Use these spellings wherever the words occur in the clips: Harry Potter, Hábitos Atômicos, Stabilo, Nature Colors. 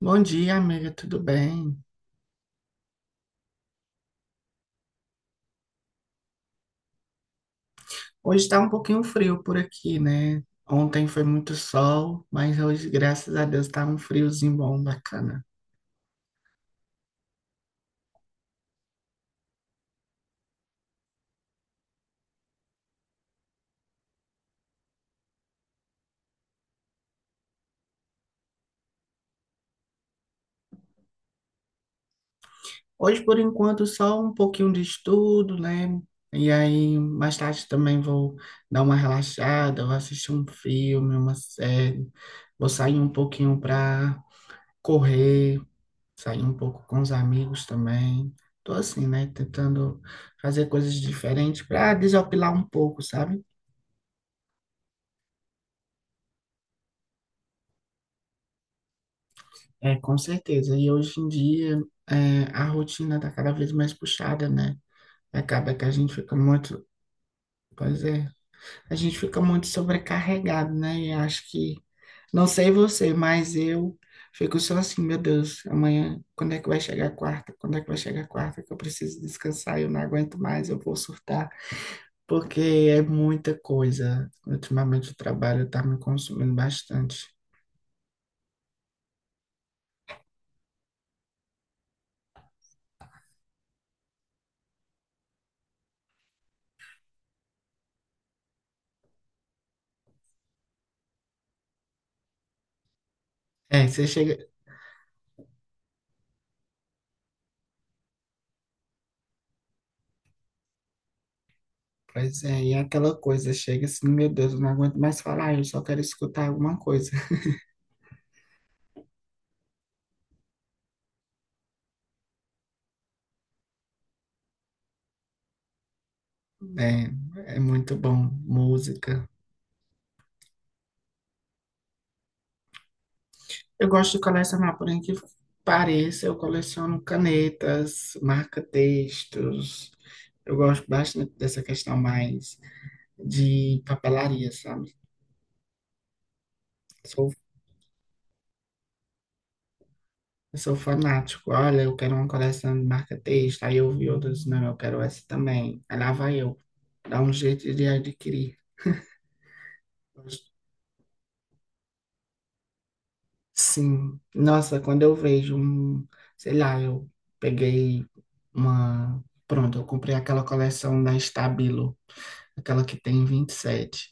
Bom dia, amiga, tudo bem? Hoje está um pouquinho frio por aqui, né? Ontem foi muito sol, mas hoje, graças a Deus, está um friozinho bom, bacana. Hoje, por enquanto, só um pouquinho de estudo, né? E aí, mais tarde também vou dar uma relaxada, vou assistir um filme, uma série, vou sair um pouquinho para correr, sair um pouco com os amigos também. Tô assim, né? Tentando fazer coisas diferentes para desopilar um pouco, sabe? É, com certeza. E hoje em dia, a rotina está cada vez mais puxada, né? Acaba que a gente fica muito, pois é, a gente fica muito sobrecarregado, né? E acho que, não sei você, mas eu fico só assim, meu Deus, amanhã, quando é que vai chegar a quarta? Quando é que vai chegar a quarta? Que eu preciso descansar, eu não aguento mais, eu vou surtar, porque é muita coisa. Ultimamente o trabalho está me consumindo bastante. É, você chega. Pois é, e é aquela coisa, chega assim, meu Deus, eu não aguento mais falar, eu só quero escutar alguma coisa. É, é muito bom, música. Eu gosto de colecionar, porém que pareça, eu coleciono canetas, marca-textos. Eu gosto bastante dessa questão mais de papelaria, sabe? Sou, eu sou fanático. Olha, eu quero uma coleção de marca-texto. Aí eu vi outras, não, eu quero essa também. Aí lá vai eu, dá um jeito de adquirir. Sim, nossa, quando eu vejo um, sei lá, eu peguei uma, pronto, eu comprei aquela coleção da Stabilo, aquela que tem 27.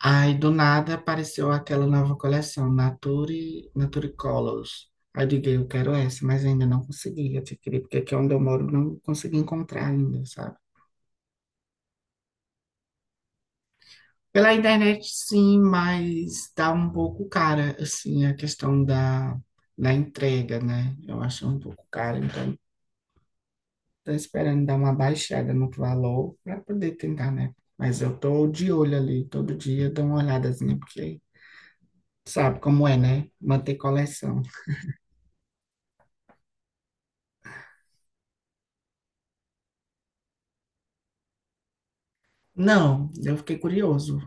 Aí do nada apareceu aquela nova coleção, Nature, Nature Colors. Aí eu digo, eu quero essa, mas ainda não consegui adquirir, porque aqui onde eu moro não consegui encontrar ainda, sabe? Pela internet, sim, mas tá um pouco cara, assim, a questão da entrega, né? Eu acho um pouco cara, então tô esperando dar uma baixada no valor para poder tentar, né? Mas eu tô de olho ali, todo dia eu dou uma olhadazinha, porque sabe como é, né? Manter coleção. Não, eu fiquei curioso.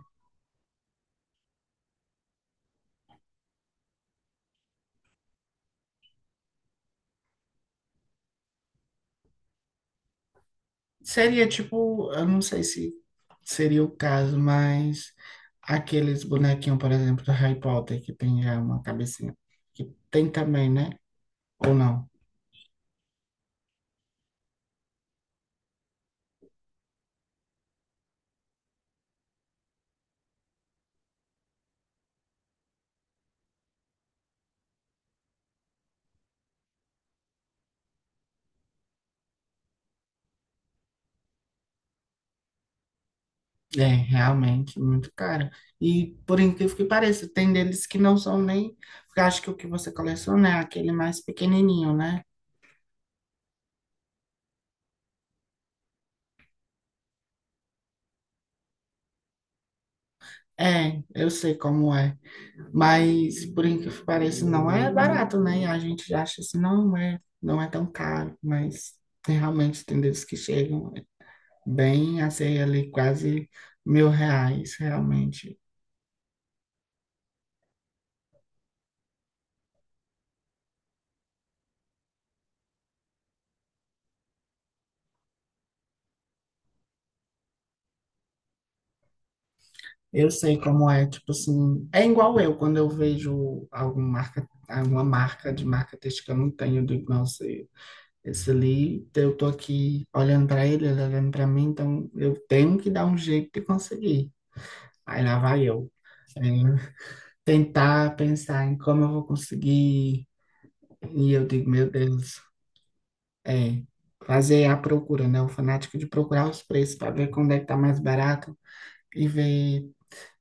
Seria tipo, eu não sei se seria o caso, mas aqueles bonequinhos, por exemplo, do Harry Potter, que tem já uma cabecinha, que tem também, né? Ou não? É, realmente, muito caro. E por incrível que pareça, tem deles que não são nem. Porque acho que o que você coleciona é aquele mais pequenininho, né? É, eu sei como é. Mas por incrível que pareça, não é barato, né? E a gente já acha assim, não é tão caro, mas tem, realmente tem deles que chegam bem a ser ali quase 1.000 reais, realmente. Eu sei como é, tipo assim, é igual eu quando eu vejo algum marca, alguma marca de marca textil que eu não tenho, eu digo, nossa, esse ali, eu tô aqui olhando para ele, ele tá olhando para mim, então eu tenho que dar um jeito de conseguir. Aí lá vai eu, é, tentar pensar em como eu vou conseguir, e eu digo, meu Deus, é, fazer a procura, né? O fanático de procurar os preços para ver quando é que tá mais barato e ver.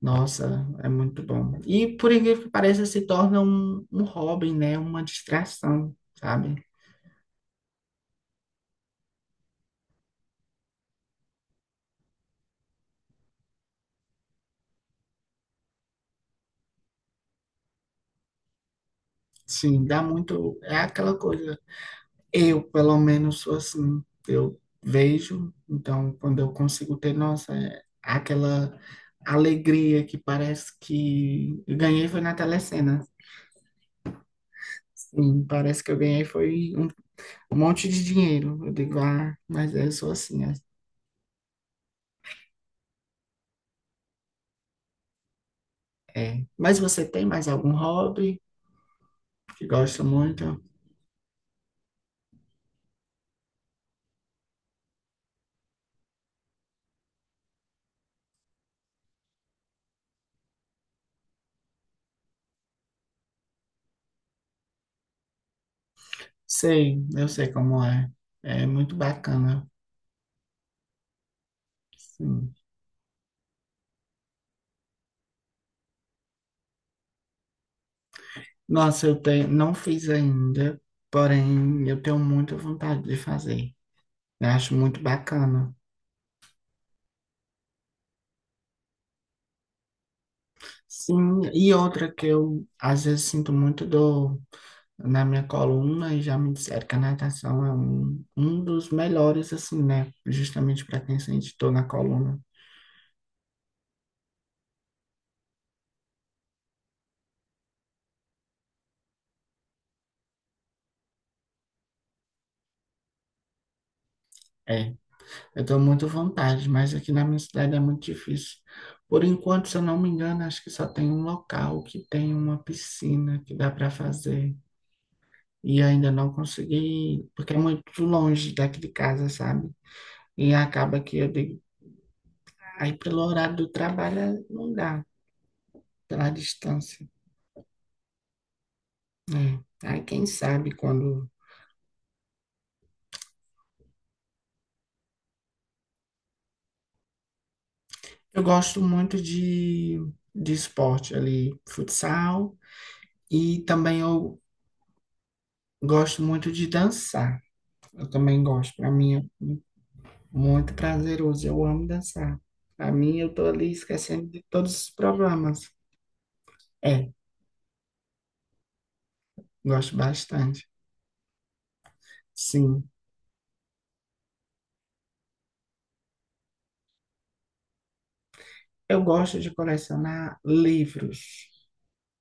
Nossa, é muito bom. E por incrível que pareça, se torna um hobby, né? Uma distração, sabe? Sim, dá muito. É aquela coisa. Eu, pelo menos, sou assim. Eu vejo, então, quando eu consigo ter, nossa, é aquela alegria que parece que eu ganhei foi na telecena. Sim, parece que eu ganhei foi um monte de dinheiro. Eu digo, ah, mas eu sou assim. É. É. Mas você tem mais algum hobby que gosta muito? Sei, eu sei como é. É muito bacana. Sim. Nossa, eu tenho, não fiz ainda, porém eu tenho muita vontade de fazer. Eu acho muito bacana. Sim, e outra que eu às vezes sinto muito dor na minha coluna e já me disseram que a natação é um dos melhores, assim, né? Justamente para quem sente dor na coluna. É. Eu tenho muita vontade, mas aqui na minha cidade é muito difícil. Por enquanto, se eu não me engano, acho que só tem um local que tem uma piscina que dá para fazer. E ainda não consegui, porque é muito longe daqui de casa, sabe? E acaba que eu digo, aí pelo horário do trabalho não dá, pela distância. É. Aí quem sabe quando. Eu gosto muito de esporte ali, futsal, e também eu gosto muito de dançar. Eu também gosto. Para mim é muito prazeroso. Eu amo dançar. Para mim, eu tô ali esquecendo de todos os problemas. É, gosto bastante. Sim. Eu gosto de colecionar livros.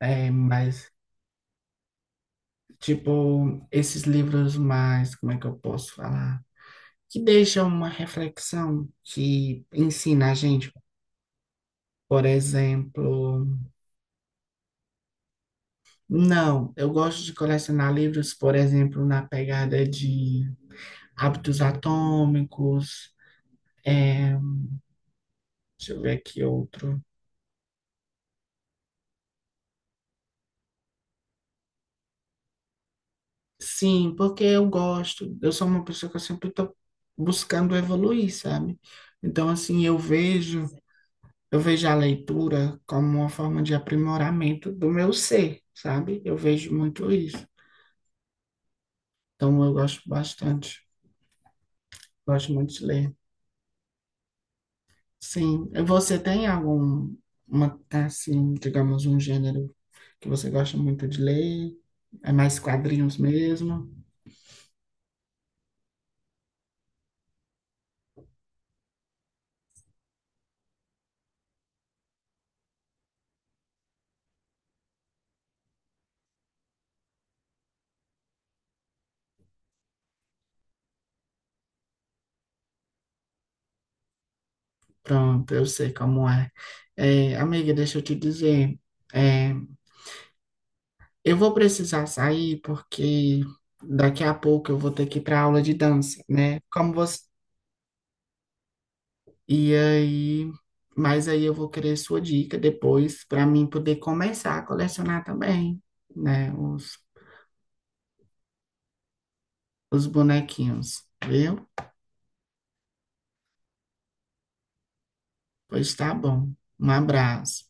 É, mas, tipo, esses livros mais, como é que eu posso falar? Que deixam uma reflexão, que ensina a gente. Por exemplo, não, eu gosto de colecionar livros, por exemplo, na pegada de Hábitos Atômicos, é, deixa eu ver aqui outro. Sim, porque eu gosto, eu sou uma pessoa que eu sempre estou buscando evoluir, sabe? Então, assim, eu vejo a leitura como uma forma de aprimoramento do meu ser, sabe? Eu vejo muito isso. Então, eu gosto bastante, gosto muito de ler. Sim, e você tem algum, uma, assim, digamos, um gênero que você gosta muito de ler? É mais quadrinhos mesmo? Pronto, eu sei como é. É, amiga, deixa eu te dizer, é, eu vou precisar sair porque daqui a pouco eu vou ter que ir para aula de dança, né? Como você. E aí, mas aí eu vou querer sua dica depois para mim poder começar a colecionar também, né? Os bonequinhos, viu? Pois tá bom. Um abraço.